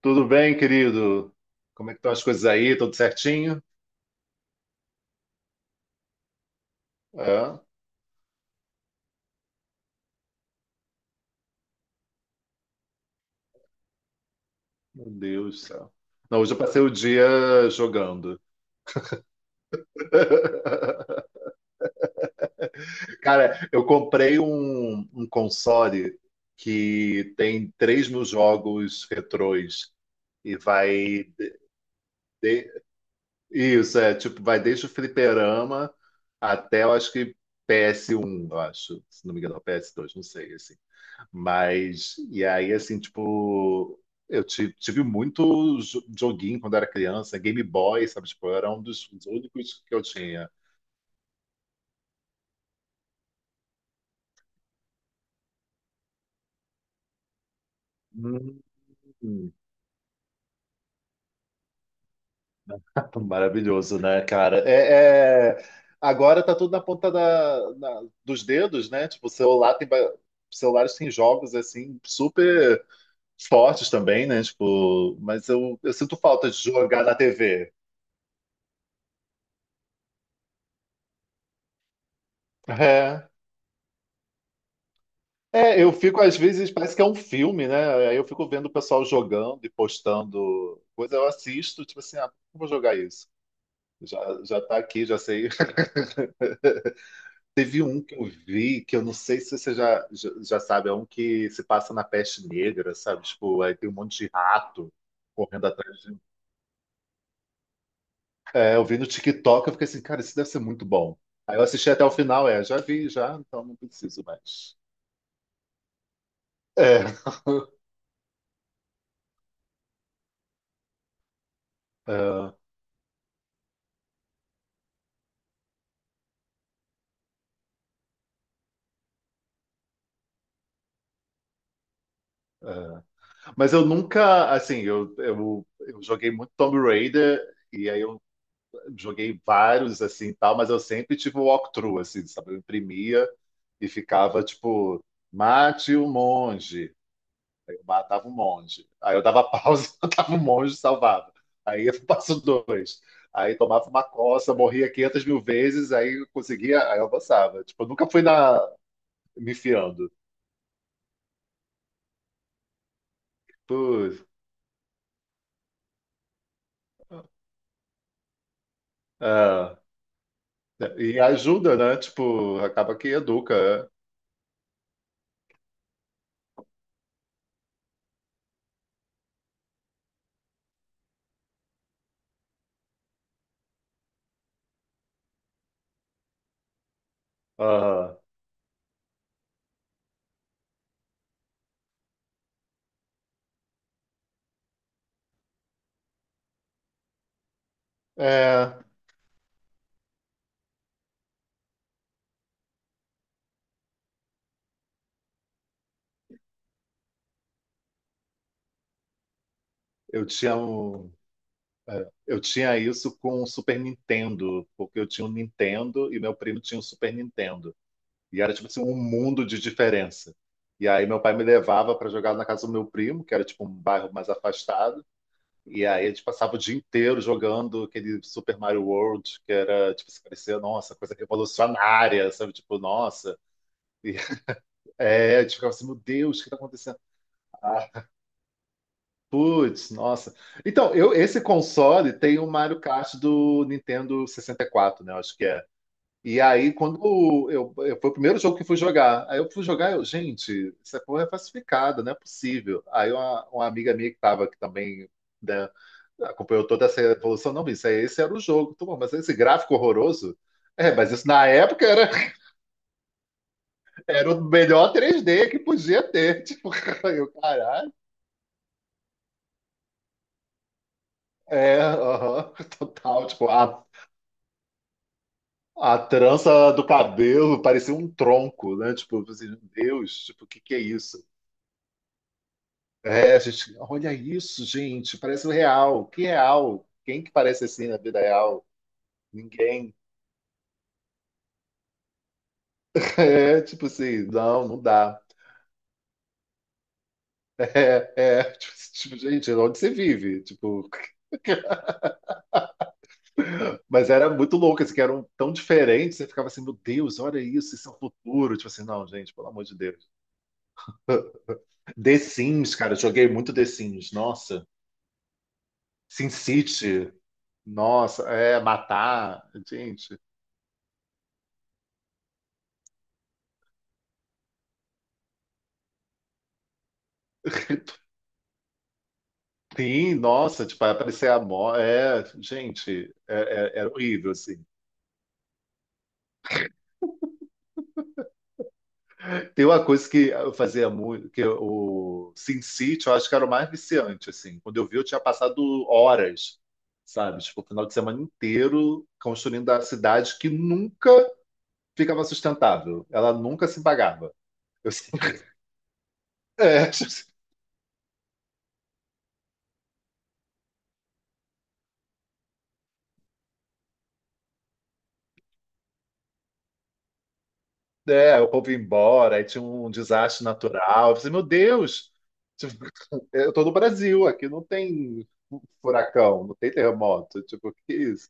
Tudo bem, querido? Como é que estão as coisas aí? Tudo certinho? É? Meu Deus do céu. Não, hoje eu passei o dia jogando. Cara, eu comprei um console que tem 3000 jogos retrôs e vai... de- Isso, é, tipo, vai desde o fliperama até, eu acho que PS1, eu acho. Se não me engano, PS2, não sei, assim. Mas, e aí, assim, tipo, eu tive muito joguinho quando era criança, Game Boy, sabe? Tipo, era um dos únicos que eu tinha. Hum, maravilhoso, né, cara? Agora tá tudo na ponta dos dedos, né? Tipo, o celular tem, celulares têm jogos, assim, super fortes também, né? Tipo, mas eu sinto falta de jogar na TV. É. É, eu fico, às vezes, parece que é um filme, né? Aí eu fico vendo o pessoal jogando e postando coisa, eu assisto, tipo assim, ah, por que eu vou jogar isso? Já, já tá aqui, já sei. Teve um que eu vi, que eu não sei se você já sabe, é um que se passa na peste negra, sabe? Tipo, aí tem um monte de rato correndo atrás de. É, eu vi no TikTok, eu fiquei assim, cara, isso deve ser muito bom. Aí eu assisti até o final, é, já vi, já, então não preciso mais. É, é, é. Mas eu nunca, assim, eu joguei muito Tomb Raider, e aí eu joguei vários, assim, e tal, mas eu sempre tive o walkthrough, assim, sabe? Eu imprimia e ficava, tipo, mate o monge. Aí eu matava o monge. Aí eu dava pausa, matava o monge e salvava. Aí eu passo dois. Aí tomava uma coça, morria 500 mil vezes, aí eu conseguia, aí eu avançava. Tipo, eu nunca fui na, me enfiando. Putz, ah, e ajuda, né? Tipo, acaba que educa. É. Aham. É, eu tinha um, é, eu tinha isso com o Super Nintendo, porque eu tinha um Nintendo e meu primo tinha um Super Nintendo. E era tipo assim, um mundo de diferença. E aí meu pai me levava para jogar na casa do meu primo, que era tipo um bairro mais afastado. E aí a gente passava o dia inteiro jogando aquele Super Mario World, que era tipo, se parecia, nossa, coisa revolucionária, sabe? Tipo, nossa. E, a gente ficava assim, meu Deus, o que tá acontecendo? Putz, nossa. Então, esse console tem o Mario Kart do Nintendo 64, né? Eu acho que é. E aí, quando foi o primeiro jogo que fui jogar. Aí eu fui jogar, eu, gente, essa porra é falsificada, não é possível. Aí uma amiga minha que tava aqui também, né, acompanhou toda essa evolução, não, isso aí, esse era o jogo. Tô bom, mas esse gráfico horroroso. Mas isso na época era, era o melhor três d que podia ter. Tipo, eu, caralho. É, aham, total. Tipo, a trança do cabelo parecia um tronco, né? Tipo, eu falei assim, meu Deus, tipo, o que que é isso? É, a gente, olha isso, gente, parece o real. Que é real? Quem que parece assim na vida real? Ninguém. É, tipo assim, não dá. É, tipo, gente, onde você vive? Tipo, mas era muito louco, assim, que eram tão diferentes, você ficava assim, meu Deus, olha isso, isso é o futuro. Tipo assim, não, gente, pelo amor de Deus. The Sims, cara, eu joguei muito The Sims, nossa. Sin City, nossa, é, matar, gente, sim, nossa, tipo, vai aparecer a morte, é, gente, era horrível, assim. Tem uma coisa que eu fazia muito, que o Sin City, eu acho que era o mais viciante, assim, quando eu vi eu tinha passado horas, sabe, tipo, o final de semana inteiro construindo a cidade que nunca ficava sustentável, ela nunca se pagava. Eu sempre- é, é, o povo ia embora, aí tinha um desastre natural. Eu falei, meu Deus, tipo, eu tô no Brasil, aqui não tem furacão, não tem terremoto. Tipo, que isso?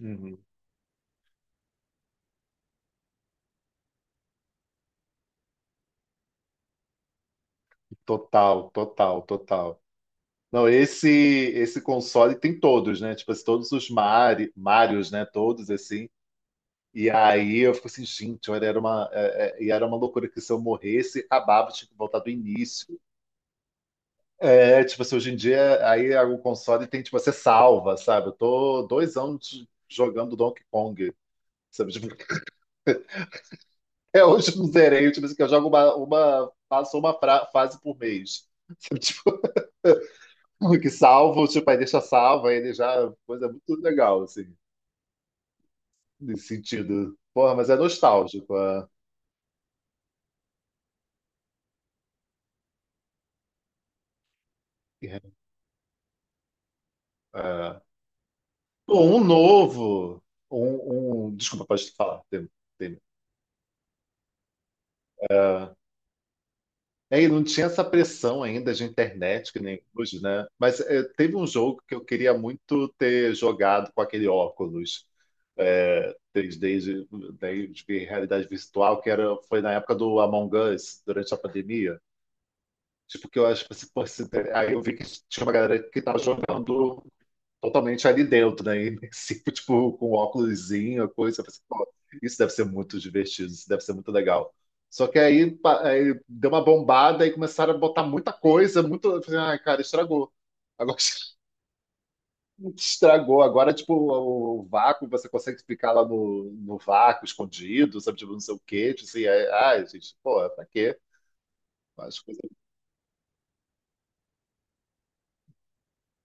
Uhum. Total, total, total. Não, esse console tem todos, né? Tipo, assim, todos os Marios, né? Todos assim. E aí eu fico assim, gente, olha, era uma, e era uma loucura que se eu morresse, acabava, tinha que voltar do início. É, tipo assim, hoje em dia, aí é o console tem, tipo, você salva, sabe? Eu tô 2 anos jogando Donkey Kong, sabe? Tipo, até hoje eu não zerei, tipo assim, que eu jogo uma faço uma fase por mês. Sabe? Tipo, que salvo, tipo, aí deixa salva, aí ele já, coisa muito legal, assim, nesse sentido. Porra, mas é nostálgico. É. Pô, um novo, desculpa, pode falar, tem. É, e não tinha essa pressão ainda de internet, que nem hoje, né? Mas é, teve um jogo que eu queria muito ter jogado com aquele óculos é, 3D de, daí de realidade virtual, que era, foi na época do Among Us, durante a pandemia. Tipo, que eu acho que assim, pô, aí eu vi que tinha uma galera que estava jogando totalmente ali dentro, né? Imersivo, tipo, com óculosinho, a coisa. Eu pensei, pô, isso deve ser muito divertido, isso deve ser muito legal. Só que aí, aí deu uma bombada e começaram a botar muita coisa, muito. Eu falei, ai, cara, estragou. Agora estragou. Agora, tipo, o vácuo, você consegue ficar lá no vácuo, escondido, sabe? Tipo, não sei o quê. Tipo assim, ai, ai, gente, pô, pra quê? Mas coisa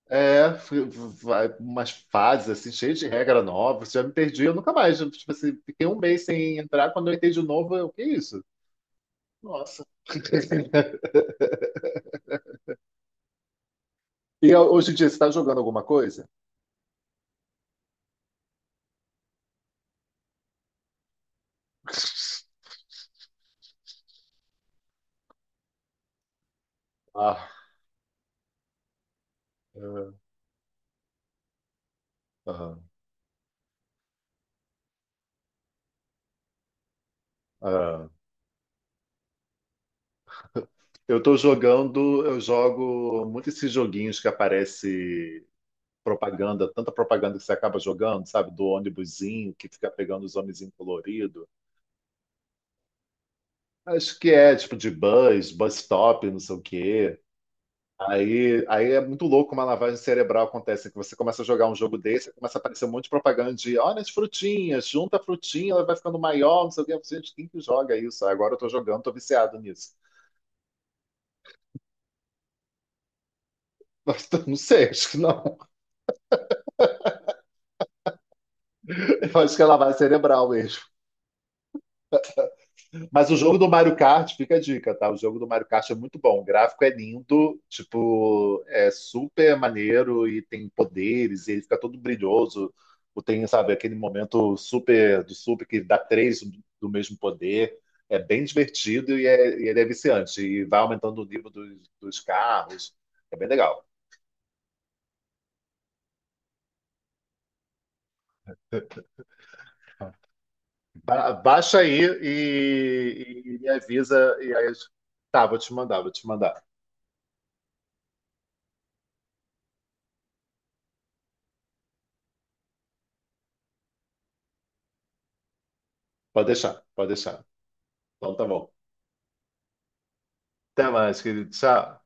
é, umas fases assim, cheias de regra nova, você já me perdi, eu nunca mais. Eu, tipo assim, fiquei um mês sem entrar, quando eu entrei de novo, eu, que isso? Nossa. E hoje em dia, você está jogando alguma coisa? Ah, ah, ah. ah. Eu tô jogando, eu jogo muito esses joguinhos que aparece propaganda, tanta propaganda que você acaba jogando, sabe? Do ônibusinho que fica pegando os homenzinhos coloridos. Acho que é tipo de bus, bus stop, não sei o quê. Aí é muito louco como a lavagem cerebral acontece, que você começa a jogar um jogo desse, começa a aparecer um monte de propaganda de olha as frutinhas, junta a frutinha, ela vai ficando maior, não sei o que. Eu falei, gente, quem que joga isso? Aí agora eu tô jogando, tô viciado nisso. Mas não sei, acho que não. Eu acho que é lavagem cerebral mesmo. Mas o jogo do Mario Kart, fica a dica, tá? O jogo do Mario Kart é muito bom. O gráfico é lindo, tipo, é super maneiro e tem poderes, e ele fica todo brilhoso. O tem, sabe, aquele momento super do super que dá três do mesmo poder. É bem divertido e ele é viciante. E vai aumentando o nível dos carros. É bem legal. Baixa aí e me avisa. E aí, tá, vou te mandar, vou te mandar. Pode deixar, pode deixar. Então tá bom. Até mais, querido. Tchau.